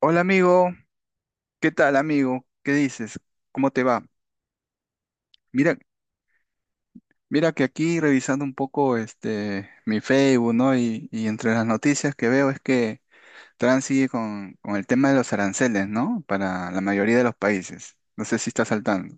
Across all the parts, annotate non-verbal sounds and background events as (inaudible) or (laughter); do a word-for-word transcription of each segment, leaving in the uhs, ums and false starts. Hola amigo, ¿qué tal amigo? ¿Qué dices? ¿Cómo te va? Mira, mira que aquí revisando un poco este mi Facebook, ¿no? Y, y entre las noticias que veo es que Trump sigue con, con el tema de los aranceles, ¿no? Para la mayoría de los países. No sé si estás saltando.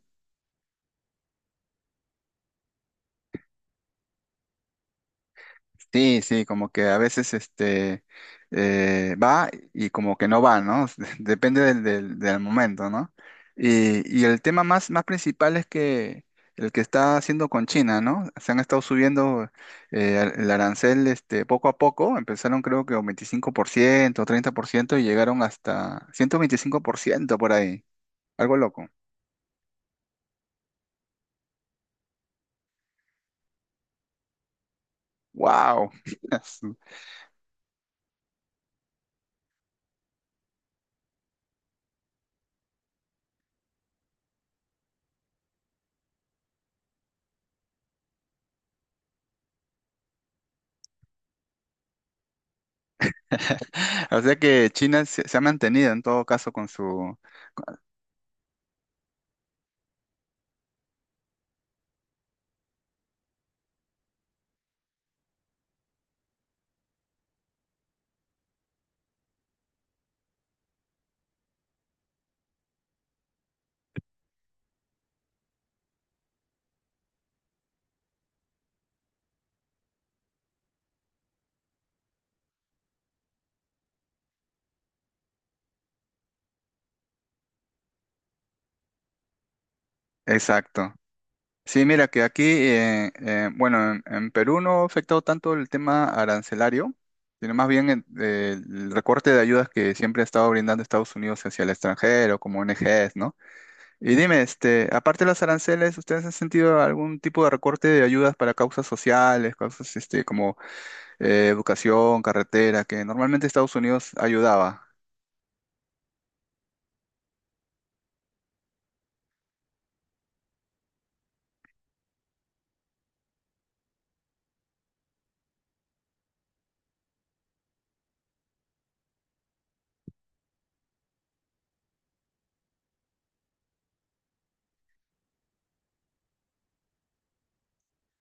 Sí, sí, como que a veces este eh, va y como que no va, ¿no? (laughs) Depende del, del, del momento, ¿no? Y, y el tema más, más principal es que el que está haciendo con China, ¿no? Se han estado subiendo eh, el arancel este, poco a poco, empezaron creo que un veinticinco por ciento treinta por ciento y llegaron hasta 125% por ciento por ahí, algo loco. ¡Wow! (laughs) O sea que China se, se ha mantenido en todo caso con su... Exacto. Sí, mira que aquí, eh, eh, bueno, en, en Perú no ha afectado tanto el tema arancelario, sino más bien el, el recorte de ayudas que siempre ha estado brindando Estados Unidos hacia el extranjero, como O N G s, ¿no? Y dime, este, aparte de los aranceles, ¿ustedes han sentido algún tipo de recorte de ayudas para causas sociales, causas, este, como eh, educación, carretera, que normalmente Estados Unidos ayudaba?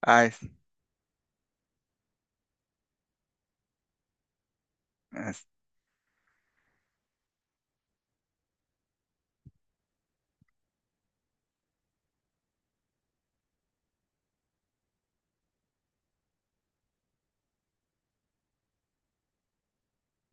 Ah, es-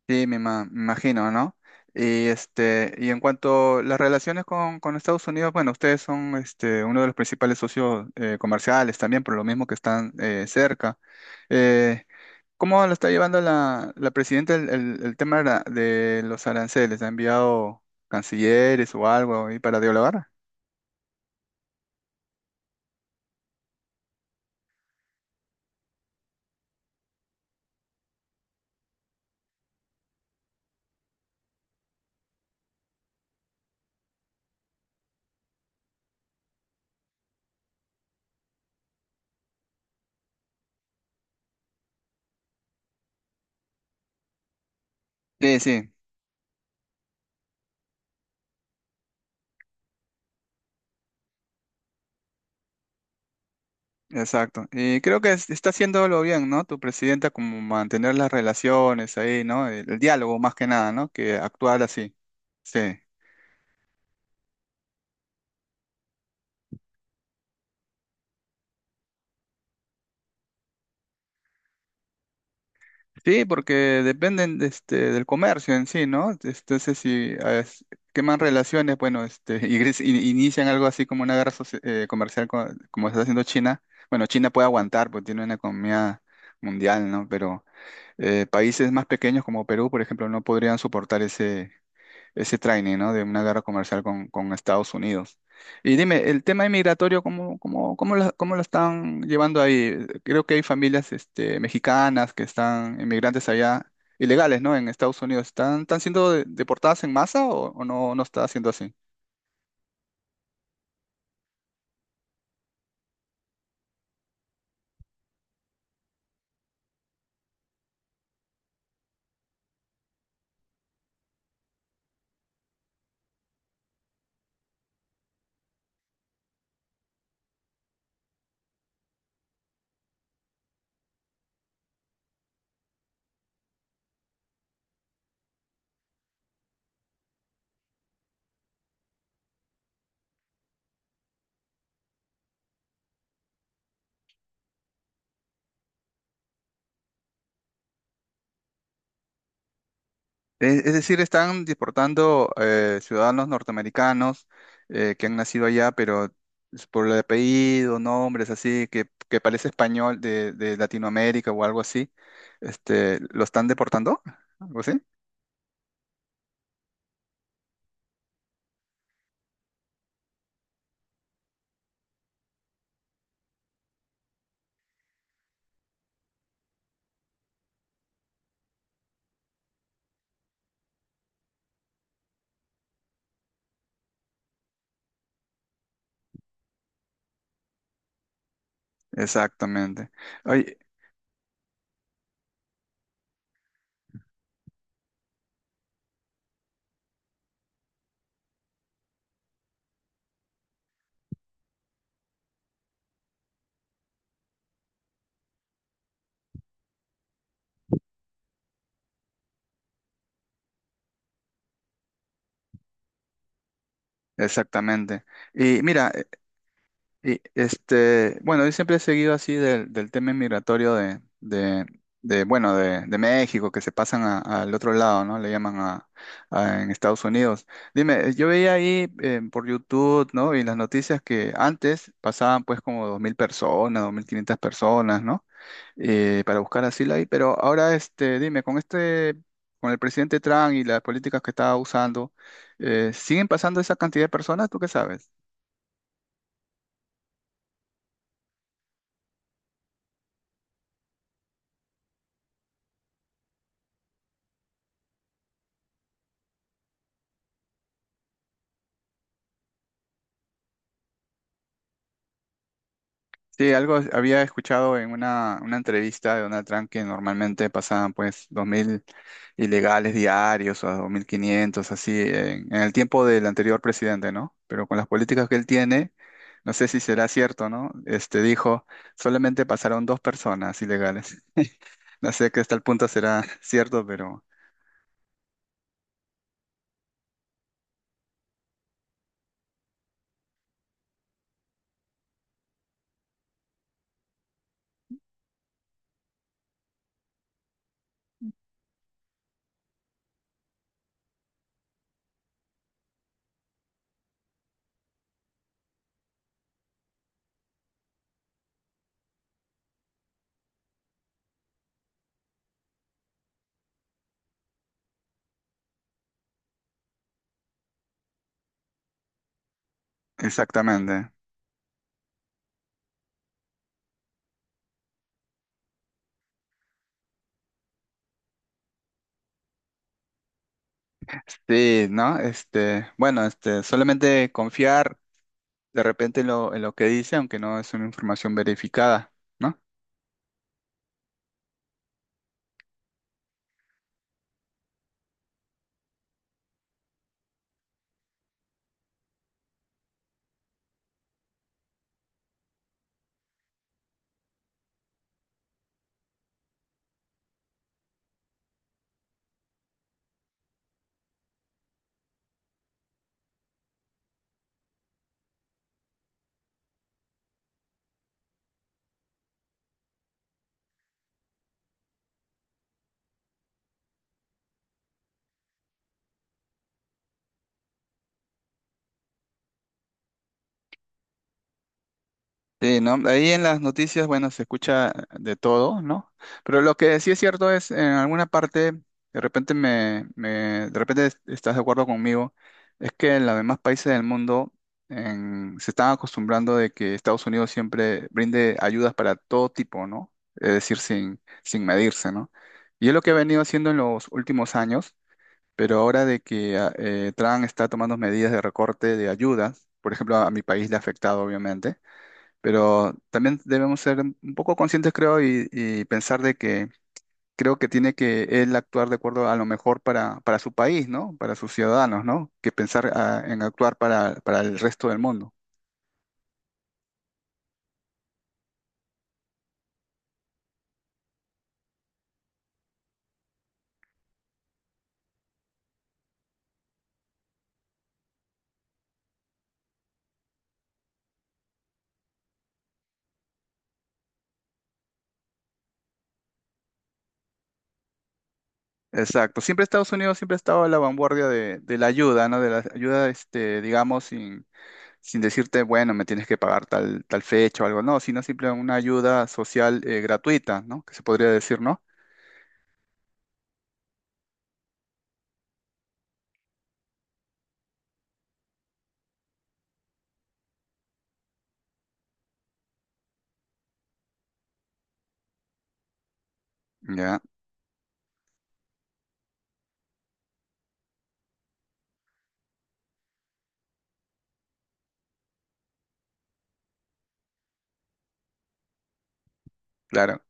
Sí, me, ima- me imagino, ¿no? Y este, y en cuanto a las relaciones con, con Estados Unidos, bueno, ustedes son este, uno de los principales socios eh, comerciales también, por lo mismo que están eh, cerca. Eh, ¿cómo lo está llevando la, la presidenta el, el- el tema de la- de los aranceles? ¿Ha enviado cancilleres o algo ahí para dialogar? Sí, sí, exacto. Y creo que es- está haciéndolo bien, ¿no? Tu presidenta, como mantener las relaciones ahí, ¿no? El, el diálogo más que nada, ¿no? Que actuar así. Sí. Sí, porque dependen de este, del comercio en sí, ¿no? Entonces, si ah, es- queman relaciones, bueno, este, (laughs) y gris- y- inician algo así como una guerra soci- eh, comercial co- como está haciendo China, bueno, China puede aguantar porque tiene una economía mundial, ¿no? Pero eh, países más pequeños como Perú, por ejemplo, no podrían soportar ese, ese training, ¿no? De una guerra comercial con, con Estados Unidos. Y dime, el tema inmigratorio, ¿cómo, cómo, cómo la, ¿cómo la están llevando ahí? Creo que hay familias, este, mexicanas que están inmigrantes allá, ilegales, ¿no? En Estados Unidos. ¿Están, ¿están siendo de- deportadas en masa o, o no, no está siendo así? Es, es decir, están deportando eh, ciudadanos norteamericanos eh, que han nacido allá, pero es por el apellido, nombres así, que, que parece español de, de Latinoamérica o algo así, este, ¿lo están deportando? ¿Algo así? Exactamente. Oye, exactamente. Y mira, y este, bueno, yo siempre he seguido así del, del tema inmigratorio de, de, de, bueno, de, de México, que se pasan a- al otro lado, ¿no? Le llaman a, a- en Estados Unidos. Dime, yo veía ahí eh, por YouTube, ¿no? Y las noticias que antes pasaban pues como dos mil personas, dos mil quinientas personas, ¿no? eh, para buscar asilo ahí. Pero ahora, este, dime, con este, con el presidente Trump y las políticas que estaba usando, eh, ¿siguen pasando esa cantidad de personas? ¿Tú qué sabes? Sí, algo había escuchado en una, una entrevista de Donald Trump que normalmente pasaban pues dos mil ilegales diarios o dos mil quinientos, así, en, en el tiempo del anterior presidente, ¿no? Pero con las políticas que él tiene, no sé si será cierto, ¿no? Este dijo, solamente pasaron dos personas ilegales. (laughs) No sé que hasta el punto será (laughs) cierto, pero exactamente. Sí, ¿no? Este, bueno, este, solamente confiar de repente en lo, en lo que dice, aunque no es una información verificada. ¿No? Sí, ¿no? Ahí en las noticias, bueno, se escucha de todo, ¿no? Pero lo que sí es cierto es, en alguna parte, de repente me, me- de repente es- estás de acuerdo conmigo, es que en los demás países del mundo en- se están acostumbrando de que Estados Unidos siempre brinde ayudas para todo tipo, ¿no? Es decir, sin, sin medirse, ¿no? Y es lo que ha venido haciendo en los últimos años, pero ahora de que ah, eh, Trump está tomando medidas de recorte de ayudas, por ejemplo, a mi país le ha afectado, obviamente, pero también debemos ser un poco conscientes, creo, y, y pensar de que creo que tiene que él actuar de acuerdo a lo mejor para, para su país, ¿no? Para sus ciudadanos, ¿no? Que pensar ah, en actuar para, para el resto del mundo. Exacto. Siempre Estados Unidos siempre ha estado a la vanguardia de, de la ayuda, ¿no? De la ayuda, este, digamos, sin, sin decirte, bueno, me tienes que pagar tal, tal fecha o algo, no, sino siempre una ayuda social eh, gratuita, ¿no? Que se podría decir, ¿no? Ya, claro.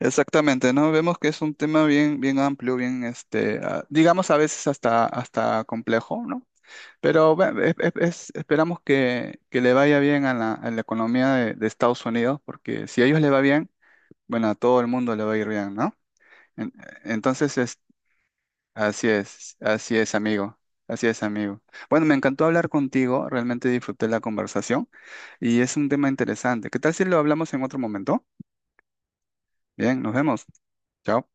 Exactamente, ¿no? Vemos que es un tema bien, bien amplio, bien, este, ah, digamos a veces hasta, hasta complejo, ¿no? Pero bueno, es- es- es- esperamos que, que le vaya bien a la, a la economía de, de Estados Unidos, porque si a ellos le va bien, bueno, a todo el mundo le va a ir bien, ¿no? En- entonces, es, así es, así es, amigo, así es, amigo. Bueno, me encantó hablar contigo, realmente disfruté la conversación y es un tema interesante. ¿Qué tal si lo hablamos en otro momento? Bien, nos vemos. Chao.